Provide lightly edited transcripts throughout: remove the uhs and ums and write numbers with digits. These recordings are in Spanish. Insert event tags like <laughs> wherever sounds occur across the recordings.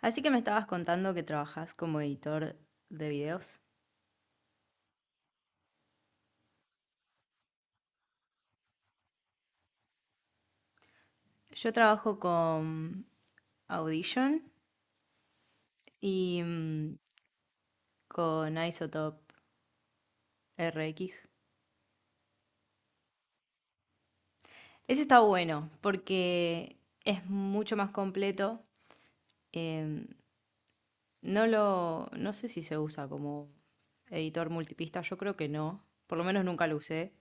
Así que me estabas contando que trabajas como editor de videos. Yo trabajo con Audition y con Isotope RX. Ese está bueno porque es mucho más completo. em, no sé si se usa como editor multipista, yo creo que no. Por lo menos nunca lo usé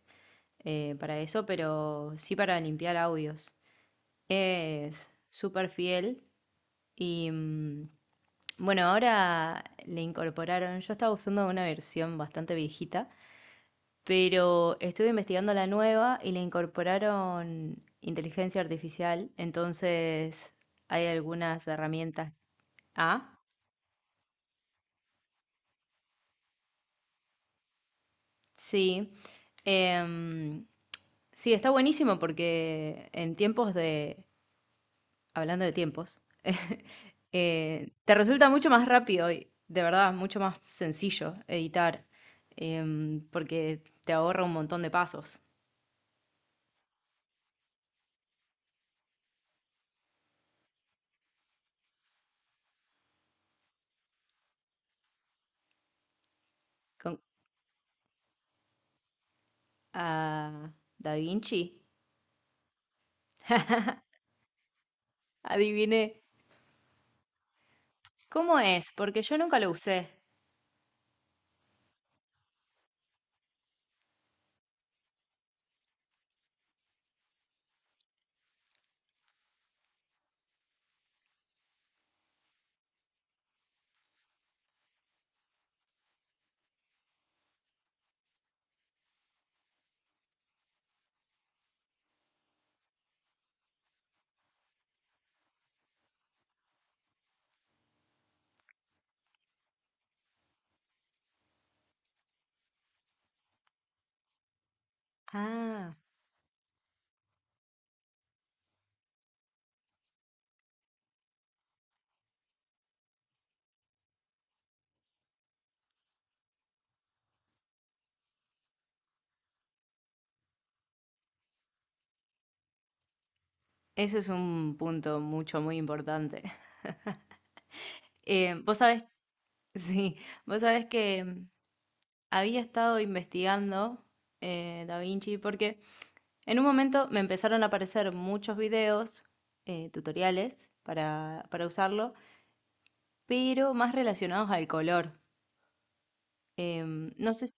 para eso, pero sí para limpiar audios. Es súper fiel y bueno, ahora le incorporaron, yo estaba usando una versión bastante viejita, pero estuve investigando la nueva y le incorporaron inteligencia artificial, entonces hay algunas herramientas. Ah, sí. Em, sí, está buenísimo porque en tiempos de, hablando de tiempos, <laughs> te resulta mucho más rápido y de verdad mucho más sencillo editar porque te ahorra un montón de pasos. Con, a Da Vinci, adiviné cómo es, porque yo nunca lo usé. Ah, eso es un punto mucho, muy importante. <laughs> Vos sabés, <laughs> sí, vos sabés que había estado investigando Da Vinci porque en un momento me empezaron a aparecer muchos videos, tutoriales para usarlo, pero más relacionados al color. No sé si...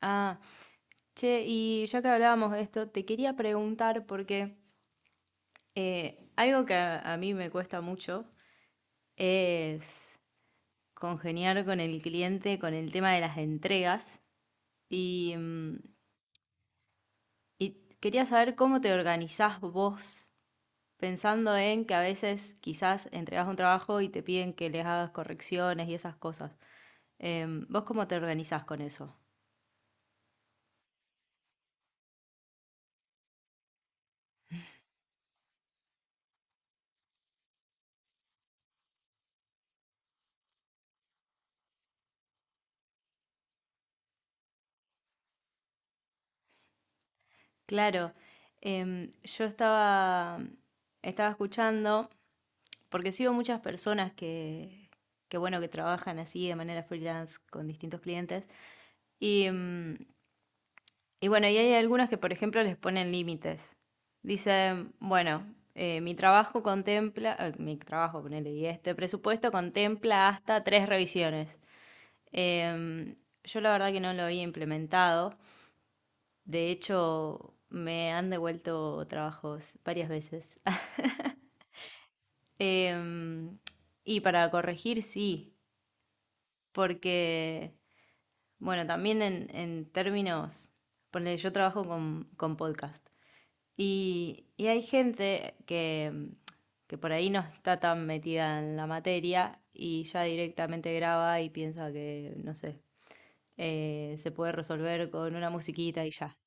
Ah, che, y ya que hablábamos de esto, te quería preguntar porque algo que a mí me cuesta mucho es congeniar con el cliente con el tema de las entregas y, mm, y quería saber cómo te organizás vos pensando en que a veces quizás entregas un trabajo y te piden que les hagas correcciones y esas cosas. ¿Vos cómo te organizás con eso? Claro, em, yo estaba, estaba escuchando, porque sigo muchas personas que, bueno, que trabajan así de manera freelance con distintos clientes, y, em, y bueno, y hay algunos que, por ejemplo, les ponen límites. Dicen, bueno, mi trabajo, ponele, y este presupuesto contempla hasta tres revisiones. Em, yo la verdad que no lo había implementado. De hecho, me han devuelto trabajos varias veces. <laughs> Em, y para corregir, sí, porque, bueno, también en términos, ponele, yo trabajo con podcast. Y hay gente que, que por ahí no está tan metida en la materia y ya directamente graba y piensa que, no sé, se puede resolver con una musiquita y ya.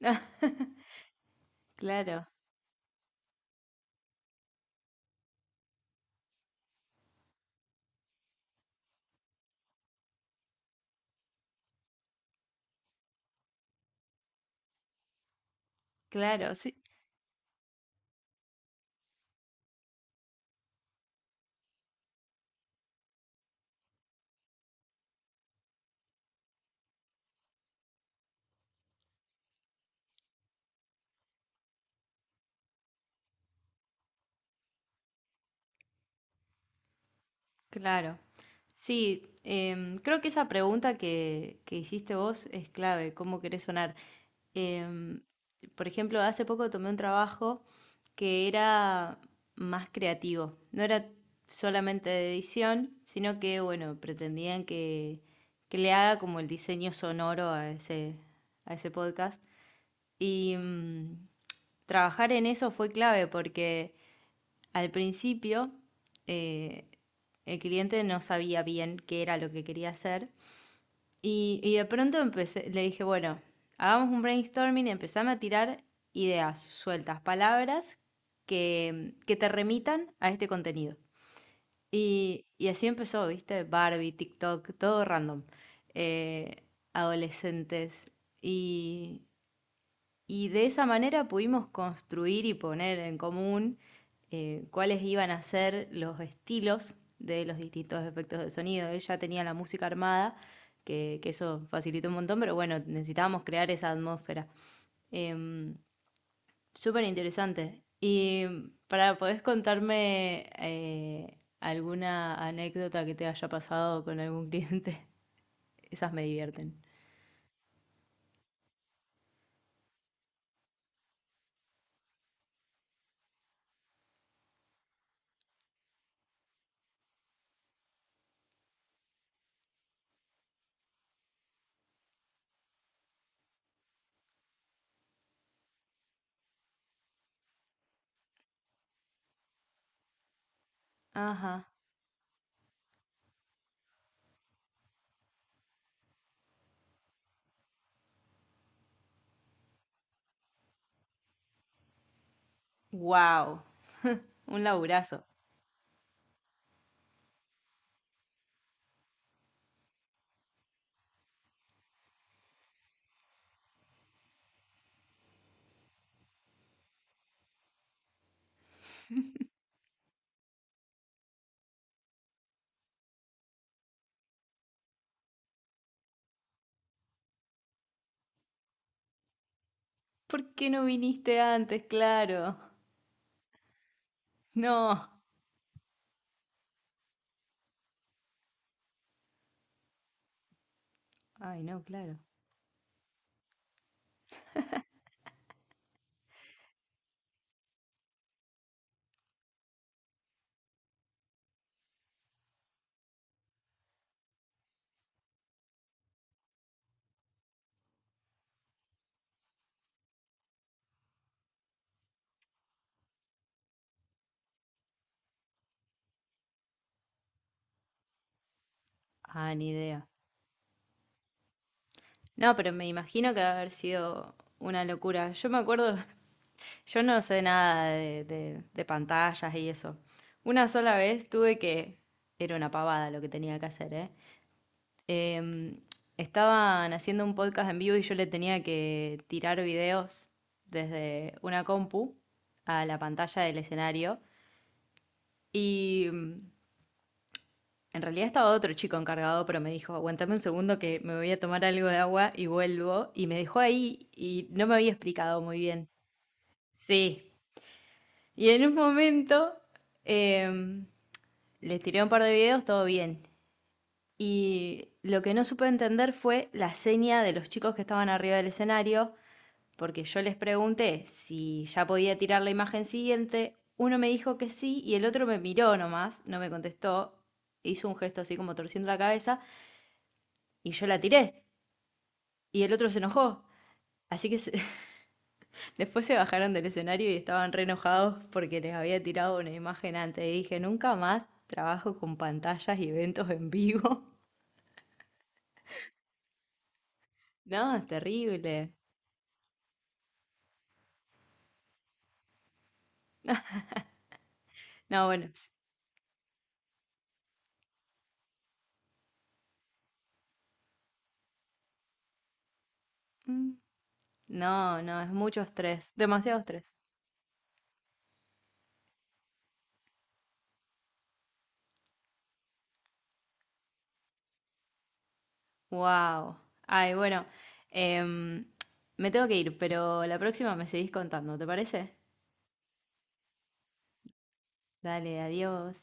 <laughs> Claro, claro, sí, claro. Sí, creo que esa pregunta que hiciste vos es clave, ¿cómo querés sonar? Em, por ejemplo, hace poco tomé un trabajo que era más creativo. No era solamente de edición, sino que, bueno, pretendían que le haga como el diseño sonoro a ese podcast. Y trabajar en eso fue clave porque al principio eh, el cliente no sabía bien qué era lo que quería hacer y de pronto empecé, le dije, bueno, hagamos un brainstorming, empezame a tirar ideas sueltas, palabras que te remitan a este contenido. Y así empezó, ¿viste? Barbie, TikTok, todo random. Eh, adolescentes. Y, y de esa manera pudimos construir y poner en común cuáles iban a ser los estilos de los distintos efectos de sonido. Él ya tenía la música armada, que eso facilitó un montón, pero bueno, necesitábamos crear esa atmósfera. Eh, Súper interesante. Y ¿podés contarme alguna anécdota que te haya pasado con algún cliente? <laughs> Esas me divierten. Ajá. Wow, un laburazo. ¿Por qué no viniste antes? Claro. No. Ay, no, claro. Ah, ni idea. No, pero me imagino que va a haber sido una locura. Yo me acuerdo, <laughs> yo no sé nada de, de pantallas y eso. Una sola vez tuve que, era una pavada lo que tenía que hacer, ¿eh? Em, estaban haciendo un podcast en vivo y yo le tenía que tirar videos desde una compu a la pantalla del escenario. Y en realidad estaba otro chico encargado, pero me dijo, aguantame un segundo que me voy a tomar algo de agua y vuelvo. Y me dejó ahí y no me había explicado muy bien. Sí. Y en un momento em, les tiré un par de videos, todo bien. Y lo que no supe entender fue la seña de los chicos que estaban arriba del escenario, porque yo les pregunté si ya podía tirar la imagen siguiente. Uno me dijo que sí y el otro me miró nomás, no me contestó. Hizo un gesto así como torciendo la cabeza. Y yo la tiré. Y el otro se enojó. Así que se- <laughs> después se bajaron del escenario y estaban re enojados porque les había tirado una imagen antes. Y dije, nunca más trabajo con pantallas y eventos en vivo. <laughs> No, es terrible. No, bueno. s- mm, no, no, es mucho estrés. Demasiado estrés. Wow. Ay, bueno. em, me tengo que ir, pero la próxima me seguís contando, ¿te parece? Dale, adiós.